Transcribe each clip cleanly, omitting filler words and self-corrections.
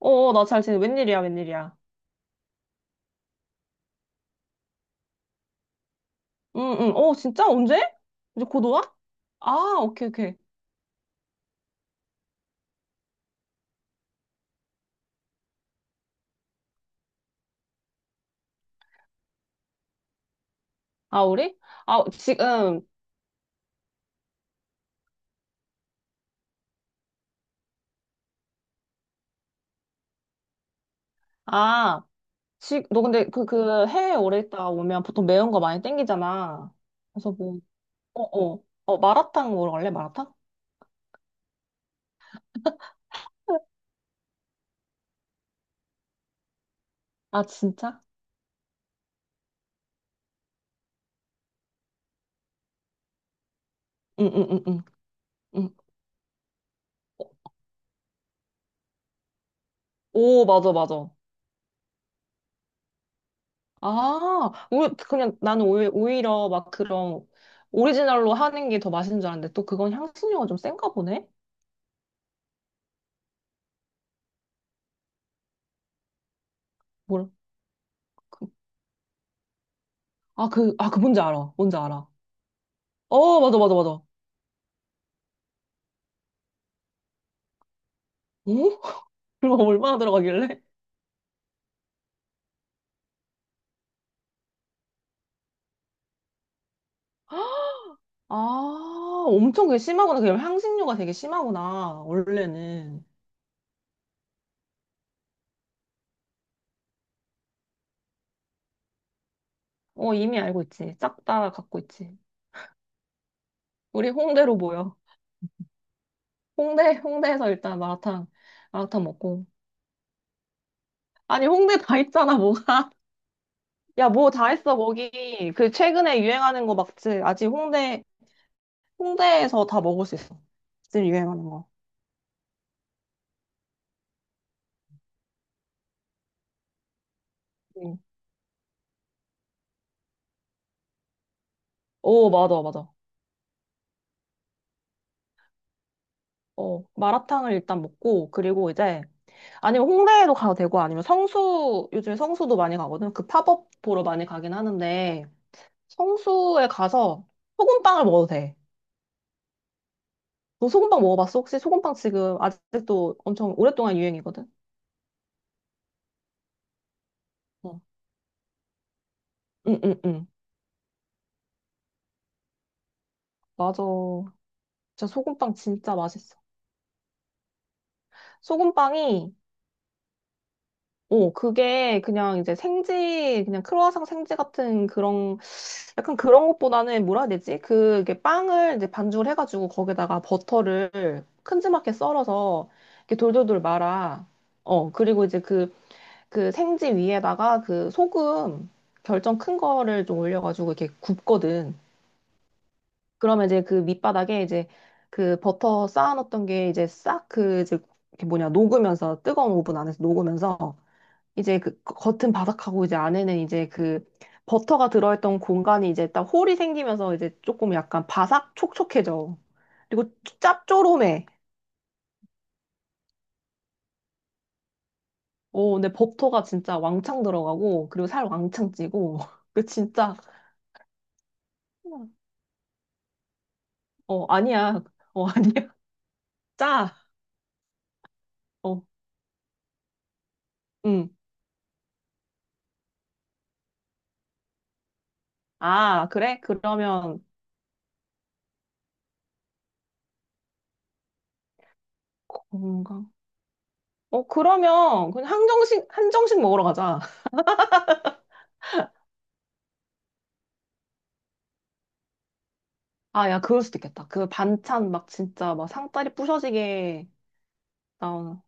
어, 어, 나 잘 지내. 웬일이야, 웬일이야. 응, 응. 어, 진짜? 언제? 이제 곧 와? 아, 오케이, 오케이. 아, 우리? 아, 지금, 아, 너 근데 그 해외 오래 있다 오면 보통 매운 거 많이 땡기잖아. 그래서 뭐, 어, 어. 어, 마라탕 먹으러 갈래? 마라탕? 아, 진짜? 응, 응, 응, 응. 응. 어, 오, 맞아, 맞아. 아, 우리, 그냥 나는 오히려 막 그런 오리지널로 하는 게 더 맛있는 줄 알았는데 또 그건 향신료가 좀 센가 보네? 뭐라? 그 뭔지 알아. 뭔지 알아. 어, 맞아, 맞아, 맞아. 어? 그럼 얼마나 들어가길래? 아, 엄청 그게 심하구나. 그럼 향신료가 되게 심하구나. 원래는. 어, 이미 알고 있지. 싹 다 갖고 있지. 우리 홍대로 모여. 홍대에서 일단 마라탕, 마라탕 먹고. 아니, 홍대 다 있잖아, 뭐가. 야, 뭐 다 했어, 거기. 그 최근에 유행하는 거 막지. 홍대에서 다 먹을 수 있어. 지금 유행하는 거. 응. 오, 맞아, 맞아. 어, 마라탕을 일단 먹고, 그리고 이제, 아니면 홍대에도 가도 되고, 아니면 성수, 요즘에 성수도 많이 가거든. 그 팝업 보러 많이 가긴 하는데, 성수에 가서 소금빵을 먹어도 돼. 너 소금빵 먹어봤어? 혹시 소금빵 지금 아직도 엄청 오랫동안 유행이거든? 어. 응, 응, 응. 맞아. 진짜 소금빵 진짜 맛있어. 소금빵이 오, 그게 그냥 이제 생지, 그냥 크루아상 생지 같은 그런, 약간 그런 것보다는 뭐라 해야 되지? 그, 게 빵을 이제 반죽을 해가지고 거기다가 버터를 큼지막하게 썰어서 이렇게 돌돌돌 말아. 어, 그리고 이제 그, 그 생지 위에다가 그 소금 결정 큰 거를 좀 올려가지고 이렇게 굽거든. 그러면 이제 그 밑바닥에 이제 그 버터 쌓아놨던 게 이제 싹 그 이제 이렇게 뭐냐, 녹으면서 뜨거운 오븐 안에서 녹으면서 이제 그 겉은 바삭하고 이제 안에는 이제 그 버터가 들어있던 공간이 이제 딱 홀이 생기면서 이제 조금 약간 바삭 촉촉해져. 그리고 짭조름해. 오, 근데 버터가 진짜 왕창 들어가고 그리고 살 왕창 찌고 그 진짜 어 아니야. 어 아니야. 짜. 어. 응. 아, 그래? 그러면 건강. 어, 그러면 그냥 한정식 먹으러 가자. 아, 야, 그럴 수도 있겠다. 그 반찬 막 진짜 막 상다리 부셔지게 나오는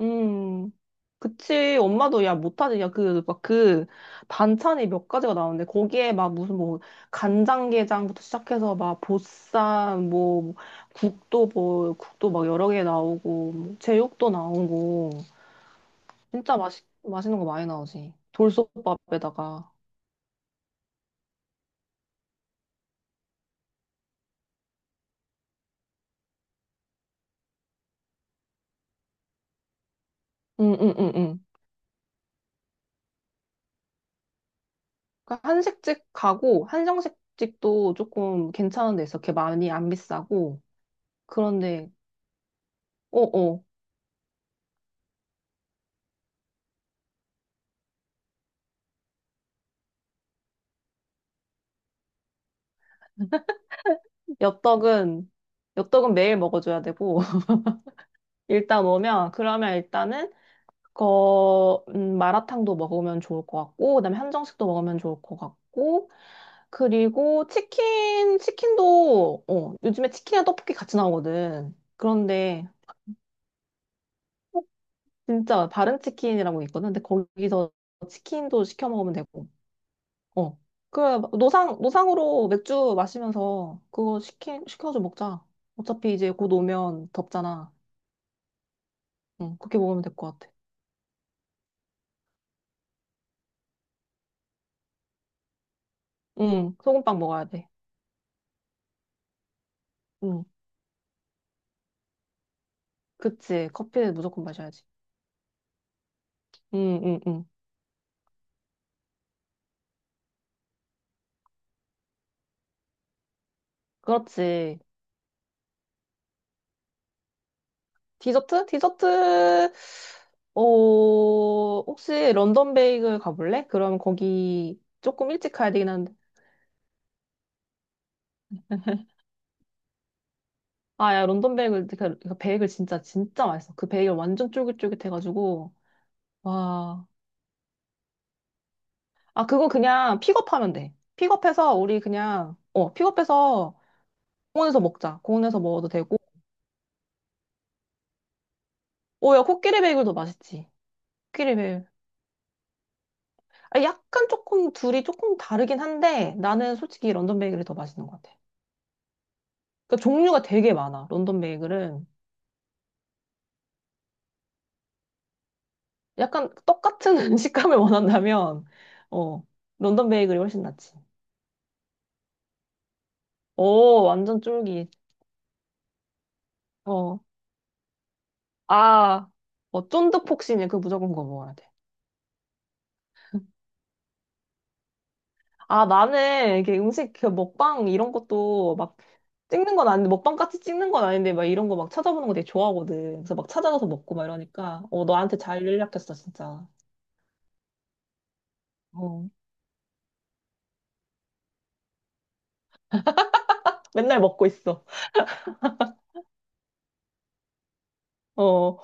음, 그치. 엄마도 야, 못하지. 야, 그, 막 그, 반찬이 몇 가지가 나오는데, 거기에 막 무슨 뭐, 간장게장부터 시작해서 막, 보쌈, 뭐, 국도 뭐, 국도 막 여러 개 나오고, 뭐 제육도 나오고, 진짜 맛있, 맛있는 거 많이 나오지. 돌솥밥에다가. 응, 응, 응, 응. 그러니까 한식집 가고, 한정식집도 조금 괜찮은 데 있어. 이렇게 많이 안 비싸고, 그런데, 어어. 엽떡은 엽떡은 매일 먹어줘야 되고 일단 오면 그러면 일단은 거 마라탕도 먹으면 좋을 것 같고 그다음에 한정식도 먹으면 좋을 것 같고 그리고 치킨도 어 요즘에 치킨이랑 떡볶이 같이 나오거든 그런데 진짜 바른 치킨이라고 있거든 근데 거기서 치킨도 시켜 먹으면 되고 어 그 노상으로 맥주 마시면서 그거 시키 시켜서 먹자 어차피 이제 곧 오면 덥잖아 응, 그렇게 먹으면 될 것 같아. 응, 소금빵 먹어야 돼. 응, 그치. 커피는 무조건 마셔야지. 응, 응, 응. 그렇지. 디저트? 디저트, 어, 혹시 런던 베이글 가볼래? 그럼 거기 조금 일찍 가야 되긴 한데. 아, 야, 런던 베이글, 그, 그 베이글 진짜, 진짜 맛있어. 그 베이글 완전 쫄깃쫄깃해가지고. 와. 아, 그거 그냥 픽업하면 돼. 픽업해서 우리 그냥, 어, 픽업해서 공원에서 먹자. 공원에서 먹어도 되고. 오, 야, 코끼리 베이글도 맛있지. 코끼리배. 아, 약간 조금 둘이 조금 다르긴 한데 나는 솔직히 런던 베이글이 더 맛있는 것 같아. 그러니까 종류가 되게 많아. 런던 베이글은 약간 똑같은 식감을 원한다면 어 런던 베이글이 훨씬 낫지. 오 완전 쫄깃. 어. 아, 어, 쫀득폭신이야. 그 무조건 그거 먹어야 돼. 아, 나는 이게 음식 그 먹방 이런 것도 막 찍는 건 아닌데 먹방 같이 찍는 건 아닌데 막 이런 거 막 찾아보는 거 되게 좋아하거든. 그래서 막 찾아가서 먹고 막 이러니까 어 너한테 잘 연락했어 진짜. 어, 맨날 먹고 있어. 어.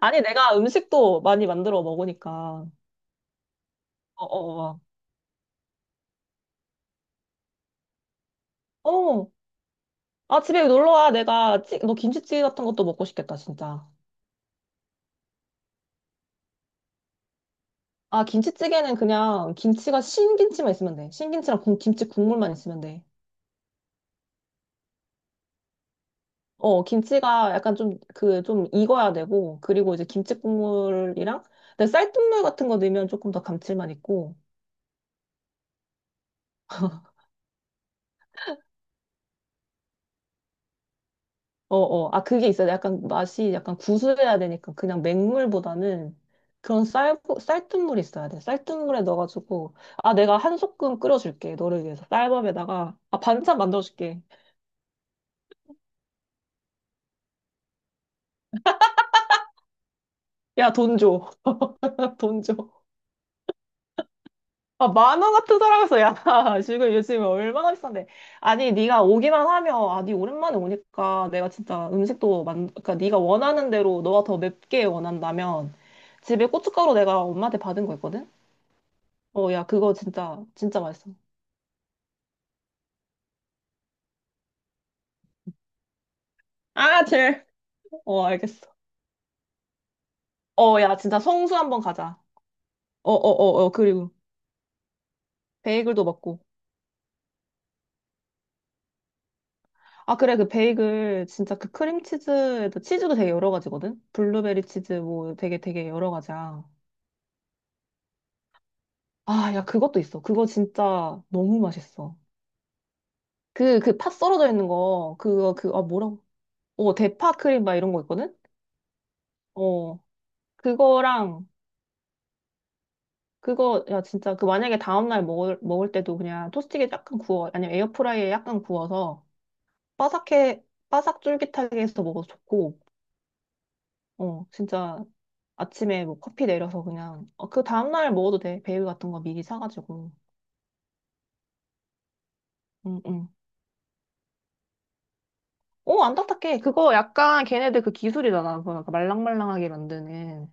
아니, 내가 음식도 많이 만들어 먹으니까. 어, 어, 어. 어. 아, 집에 놀러 와. 너 김치찌개 같은 것도 먹고 싶겠다, 진짜. 아, 김치찌개는 그냥 김치가 신김치만 있으면 돼. 신김치랑 김치 국물만 있으면 돼. 어, 김치가 약간 좀, 그, 좀 익어야 되고, 그리고 이제 김치 국물이랑, 근데 쌀뜨물 같은 거 넣으면 조금 더 감칠맛 있고, 어어. 아, 그게 있어요. 약간 맛이 약간 구수해야 되니까 그냥 맹물보다는 그런 쌀, 쌀뜨물이 있어야 돼. 쌀뜨물에 넣어가지고, 아, 내가 한 소끔 끓여줄게. 너를 위해서. 쌀밥에다가. 아, 반찬 만들어줄게. 야, 돈 줘. 돈 줘. 아, 10,000원 같은 사람에서 야, 지금 요즘 얼마나 비싼데. 아니, 네가 오기만 하면, 아, 네 오랜만에 오니까 내가 진짜 음식도 만, 그러니까 네가 원하는 대로 너가 더 맵게 원한다면 집에 고춧가루 내가 엄마한테 받은 거 있거든? 어, 야, 그거 진짜, 진짜 맛있어. 아, 젤. 어, 알겠어. 어, 야, 진짜 성수 한번 가자. 어, 어, 어, 어, 그리고 베이글도 먹고. 아, 그래, 그 베이글, 진짜 그 크림치즈에도 치즈도 되게 여러 가지거든? 블루베리 치즈 뭐 되게 되게 여러 가지야. 아, 야, 그것도 있어. 그거 진짜 너무 맛있어. 그, 그 팥 썰어져 있는 거, 그거, 그, 아, 뭐라고? 어, 대파 크림 막 이런 거 있거든? 어, 그거랑 그거, 야, 진짜, 그 만약에 다음날 먹을, 먹을 때도 그냥 토스트기에 약간 구워, 아니면 에어프라이에 약간 구워서 바삭해, 바삭 쫄깃하게 해서 먹어도 좋고, 어, 진짜 아침에 뭐 커피 내려서 그냥, 어, 그 다음날 먹어도 돼. 베일 같은 거 미리 사가지고. 응, 응. 오, 안 딱딱해. 그거 약간 걔네들 그 기술이잖아. 그 약간 말랑말랑하게 만드는.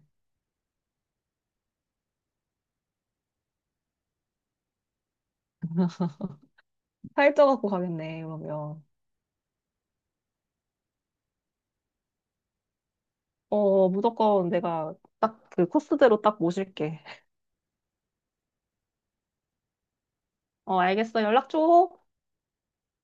살쪄갖고 가겠네, 그러면. 어, 어, 무조건 내가 딱 그 코스대로 딱 모실게. 어, 알겠어. 연락 줘.